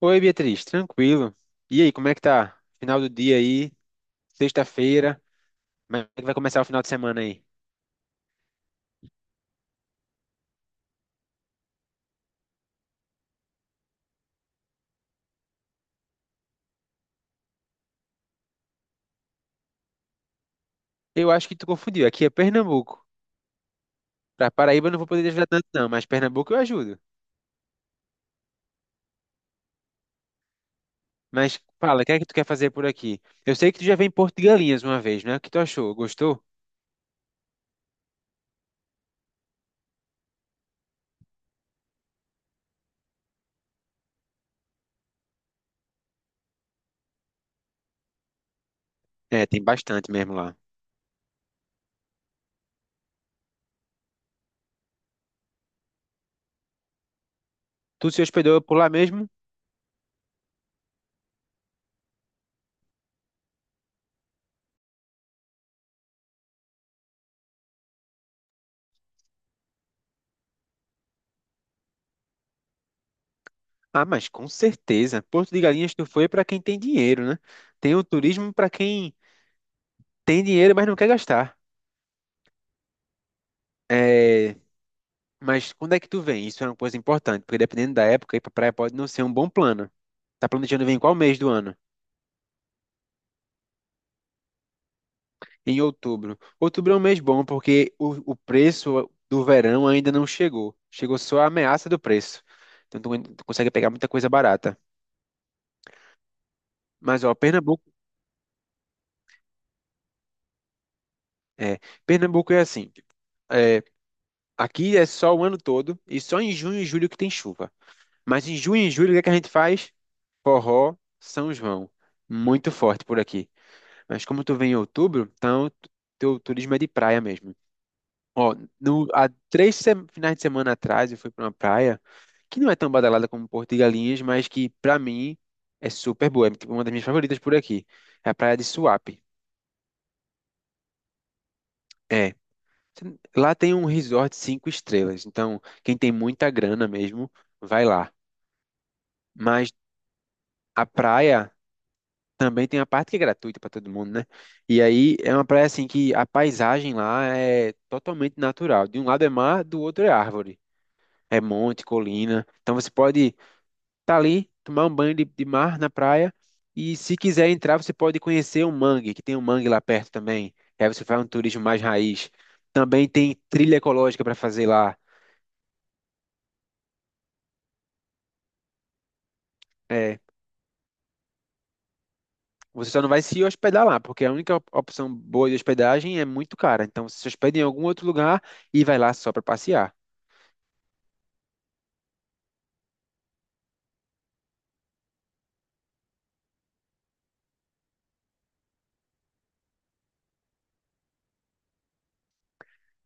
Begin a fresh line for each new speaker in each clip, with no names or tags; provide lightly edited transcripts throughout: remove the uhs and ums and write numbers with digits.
Oi, Beatriz, tranquilo. E aí, como é que tá? Final do dia aí, sexta-feira, mas como é que vai começar o final de semana aí. Eu acho que tu confundiu, aqui é Pernambuco. Pra Paraíba eu não vou poder te ajudar tanto não, mas Pernambuco eu ajudo. Mas fala, o que é que tu quer fazer por aqui? Eu sei que tu já veio em Porto de Galinhas uma vez, né? O que tu achou? Gostou? É, tem bastante mesmo lá. Tu se hospedou por lá mesmo? Ah, mas com certeza. Porto de Galinhas tu foi pra quem tem dinheiro, né? Tem o turismo pra quem tem dinheiro, mas não quer gastar. É. Mas quando é que tu vem? Isso é uma coisa importante, porque dependendo da época, ir pra praia pode não ser um bom plano. Tá planejando vir em qual mês do ano? Em outubro. Outubro é um mês bom porque o preço do verão ainda não chegou. Chegou só a ameaça do preço. Então tu consegue pegar muita coisa barata. Mas ó, Pernambuco é, Pernambuco é assim. É, aqui é só o ano todo e só em junho e julho que tem chuva. Mas em junho e julho o que é que a gente faz? Forró, São João. Muito forte por aqui. Mas como tu vem em outubro, então teu turismo é de praia mesmo. Ó, no, há 3 finais de semana atrás eu fui para uma praia que não é tão badalada como Porto de Galinhas, mas que pra mim é super boa. É tipo, uma das minhas favoritas por aqui. É a praia de Suape. É. Lá tem um resort 5 estrelas. Então, quem tem muita grana mesmo, vai lá. Mas a praia também tem a parte que é gratuita para todo mundo, né? E aí é uma praia assim que a paisagem lá é totalmente natural. De um lado é mar, do outro é árvore. É monte, colina. Então você pode estar ali, tomar um banho de mar na praia. E se quiser entrar, você pode conhecer o mangue, que tem um mangue lá perto também. E aí você faz um turismo mais raiz. Também tem trilha ecológica para fazer lá. É, você só não vai se hospedar lá, porque a única opção boa de hospedagem é muito cara. Então você se hospeda em algum outro lugar e vai lá só para passear.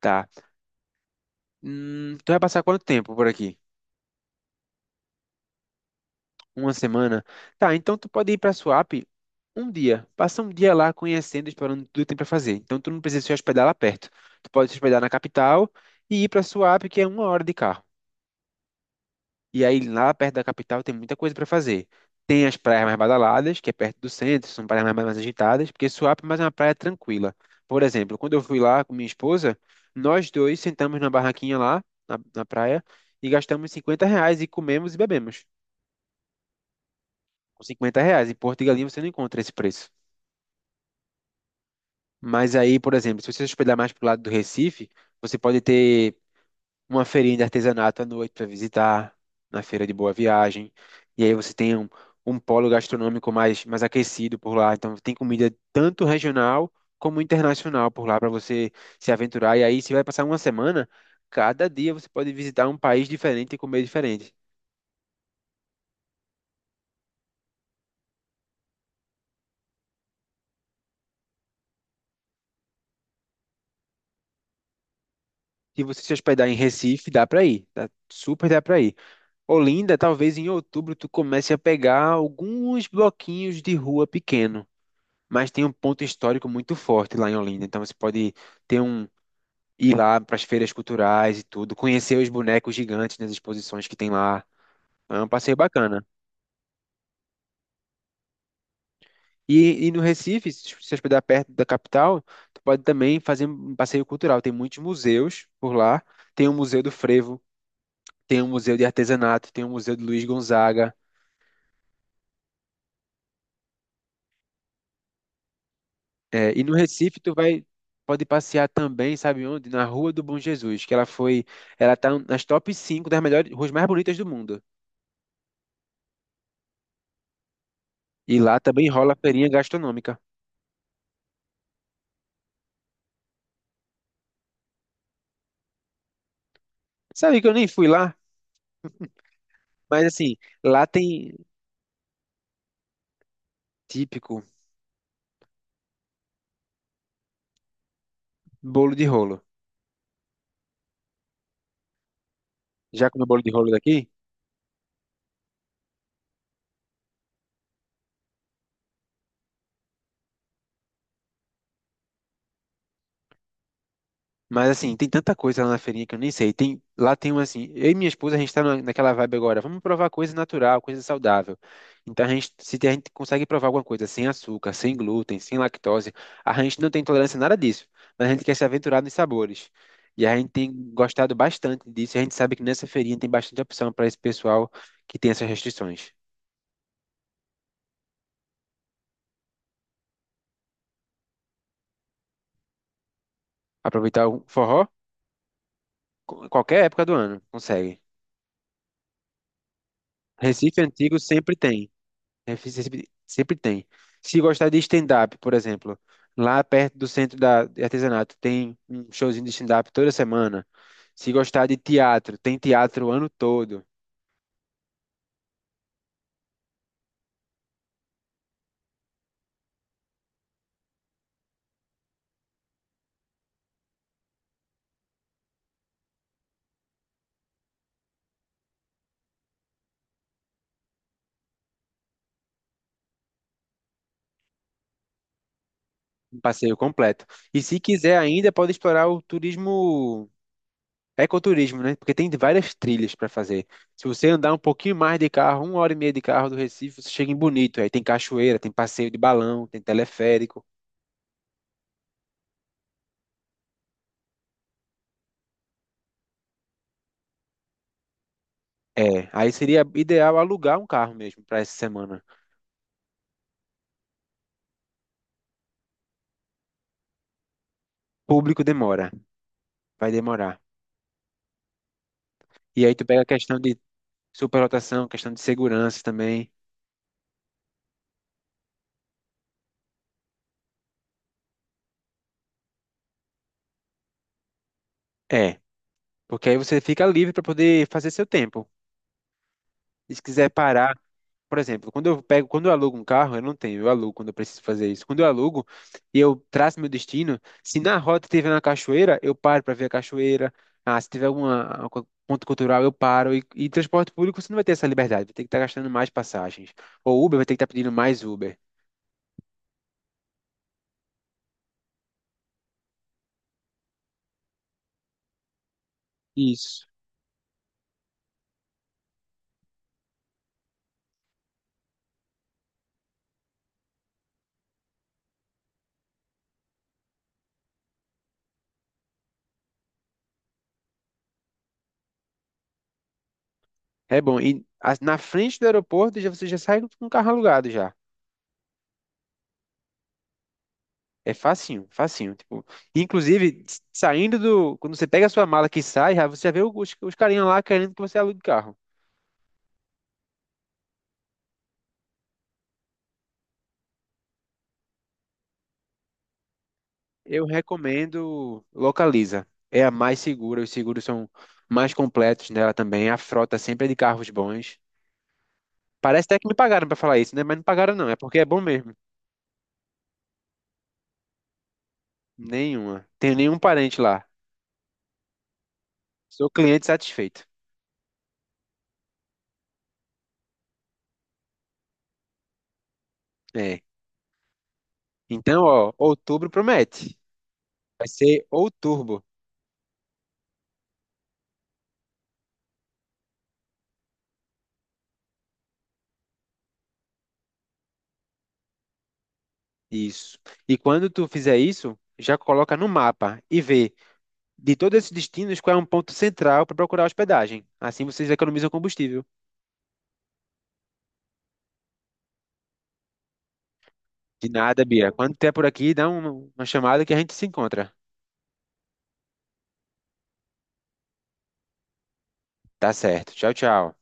Tá. Tu vai passar quanto tempo por aqui? Uma semana? Tá, então tu pode ir pra Suape um dia. Passa um dia lá conhecendo, explorando tudo que tem pra fazer. Então tu não precisa se hospedar lá perto. Tu pode se hospedar na capital e ir pra Suape, que é 1 hora de carro. E aí, lá perto da capital, tem muita coisa para fazer. Tem as praias mais badaladas, que é perto do centro, são praias mais agitadas, porque Suape é mais uma praia tranquila. Por exemplo, quando eu fui lá com minha esposa, nós dois sentamos na barraquinha lá, na praia, e gastamos R$ 50 e comemos e bebemos. Com 50 reais. Em Porto de Galinhas você não encontra esse preço. Mas aí, por exemplo, se você se hospedar mais pro lado do Recife, você pode ter uma feirinha de artesanato à noite para visitar, na Feira de Boa Viagem. E aí você tem um polo gastronômico mais aquecido por lá. Então tem comida tanto regional como internacional por lá para você se aventurar. E aí você vai passar uma semana, cada dia você pode visitar um país diferente e comer diferente. Se você se hospedar em Recife, dá para ir, tá? Super dá para ir. Olinda, talvez em outubro tu comece a pegar alguns bloquinhos de rua pequenos, mas tem um ponto histórico muito forte lá em Olinda. Então você pode ter um ir lá para as feiras culturais e tudo, conhecer os bonecos gigantes nas exposições que tem lá. É um passeio bacana. E no Recife, se se hospedar perto da capital, tu pode também fazer um passeio cultural. Tem muitos museus por lá. Tem o Museu do Frevo, tem o Museu de Artesanato, tem o Museu de Luiz Gonzaga. É, e no Recife tu vai pode passear também, sabe onde? Na Rua do Bom Jesus, que ela tá nas top 5 das melhores ruas mais bonitas do mundo. E lá também rola feirinha gastronômica. Sabe que eu nem fui lá, mas assim, lá tem típico bolo de rolo. Já comeu bolo de rolo daqui? Mas assim, tem tanta coisa lá na feirinha que eu nem sei. Lá tem um assim, eu e minha esposa, a gente tá naquela vibe agora, vamos provar coisa natural, coisa saudável. Então se a gente consegue provar alguma coisa sem açúcar, sem glúten, sem lactose, a gente não tem tolerância a nada disso, mas a gente quer se aventurar nos sabores. E a gente tem gostado bastante disso, e a gente sabe que nessa feirinha tem bastante opção para esse pessoal que tem essas restrições. Aproveitar o forró, qualquer época do ano, consegue. Recife Antigo sempre tem. Né? Sempre, sempre tem. Se gostar de stand-up, por exemplo, lá perto do centro de artesanato, tem um showzinho de stand-up toda semana. Se gostar de teatro, tem teatro o ano todo, um passeio completo. E se quiser ainda, pode explorar o turismo, ecoturismo, né? Porque tem várias trilhas para fazer. Se você andar um pouquinho mais de carro, 1 hora e meia de carro do Recife, você chega em Bonito. Aí tem cachoeira, tem passeio de balão, tem teleférico. É, aí seria ideal alugar um carro mesmo para essa semana. Público demora. Vai demorar. E aí tu pega a questão de superlotação, questão de segurança também. É, porque aí você fica livre para poder fazer seu tempo. E se quiser parar, por exemplo, quando eu alugo um carro, eu não tenho, eu alugo quando eu preciso fazer isso. Quando eu alugo e eu traço meu destino, se na rota tiver uma cachoeira, eu paro para ver a cachoeira. Ah, se tiver algum ponto cultural, eu paro. E transporte público, você não vai ter essa liberdade, vai ter que estar gastando mais passagens. Ou Uber vai ter que estar pedindo mais Uber. Isso. É bom. E na frente do aeroporto já, você já sai com o carro alugado já. É facinho, facinho. Tipo, inclusive, saindo do. Quando você pega a sua mala que sai, você já vê os carinhas lá querendo que você alugue o carro. Eu recomendo Localiza. É a mais segura, os seguros são mais completos nela também. A frota sempre é de carros bons. Parece até que me pagaram pra falar isso, né? Mas não pagaram não, é porque é bom mesmo. Nenhuma. Tenho nenhum parente lá. Sou cliente satisfeito. É. Então, ó, outubro promete. Vai ser ou turbo. Isso. E quando tu fizer isso, já coloca no mapa e vê de todos esses destinos qual é um ponto central para procurar hospedagem. Assim vocês economizam combustível. De nada, Bia. Quando tiver por aqui, dá uma chamada que a gente se encontra. Tá certo. Tchau, tchau.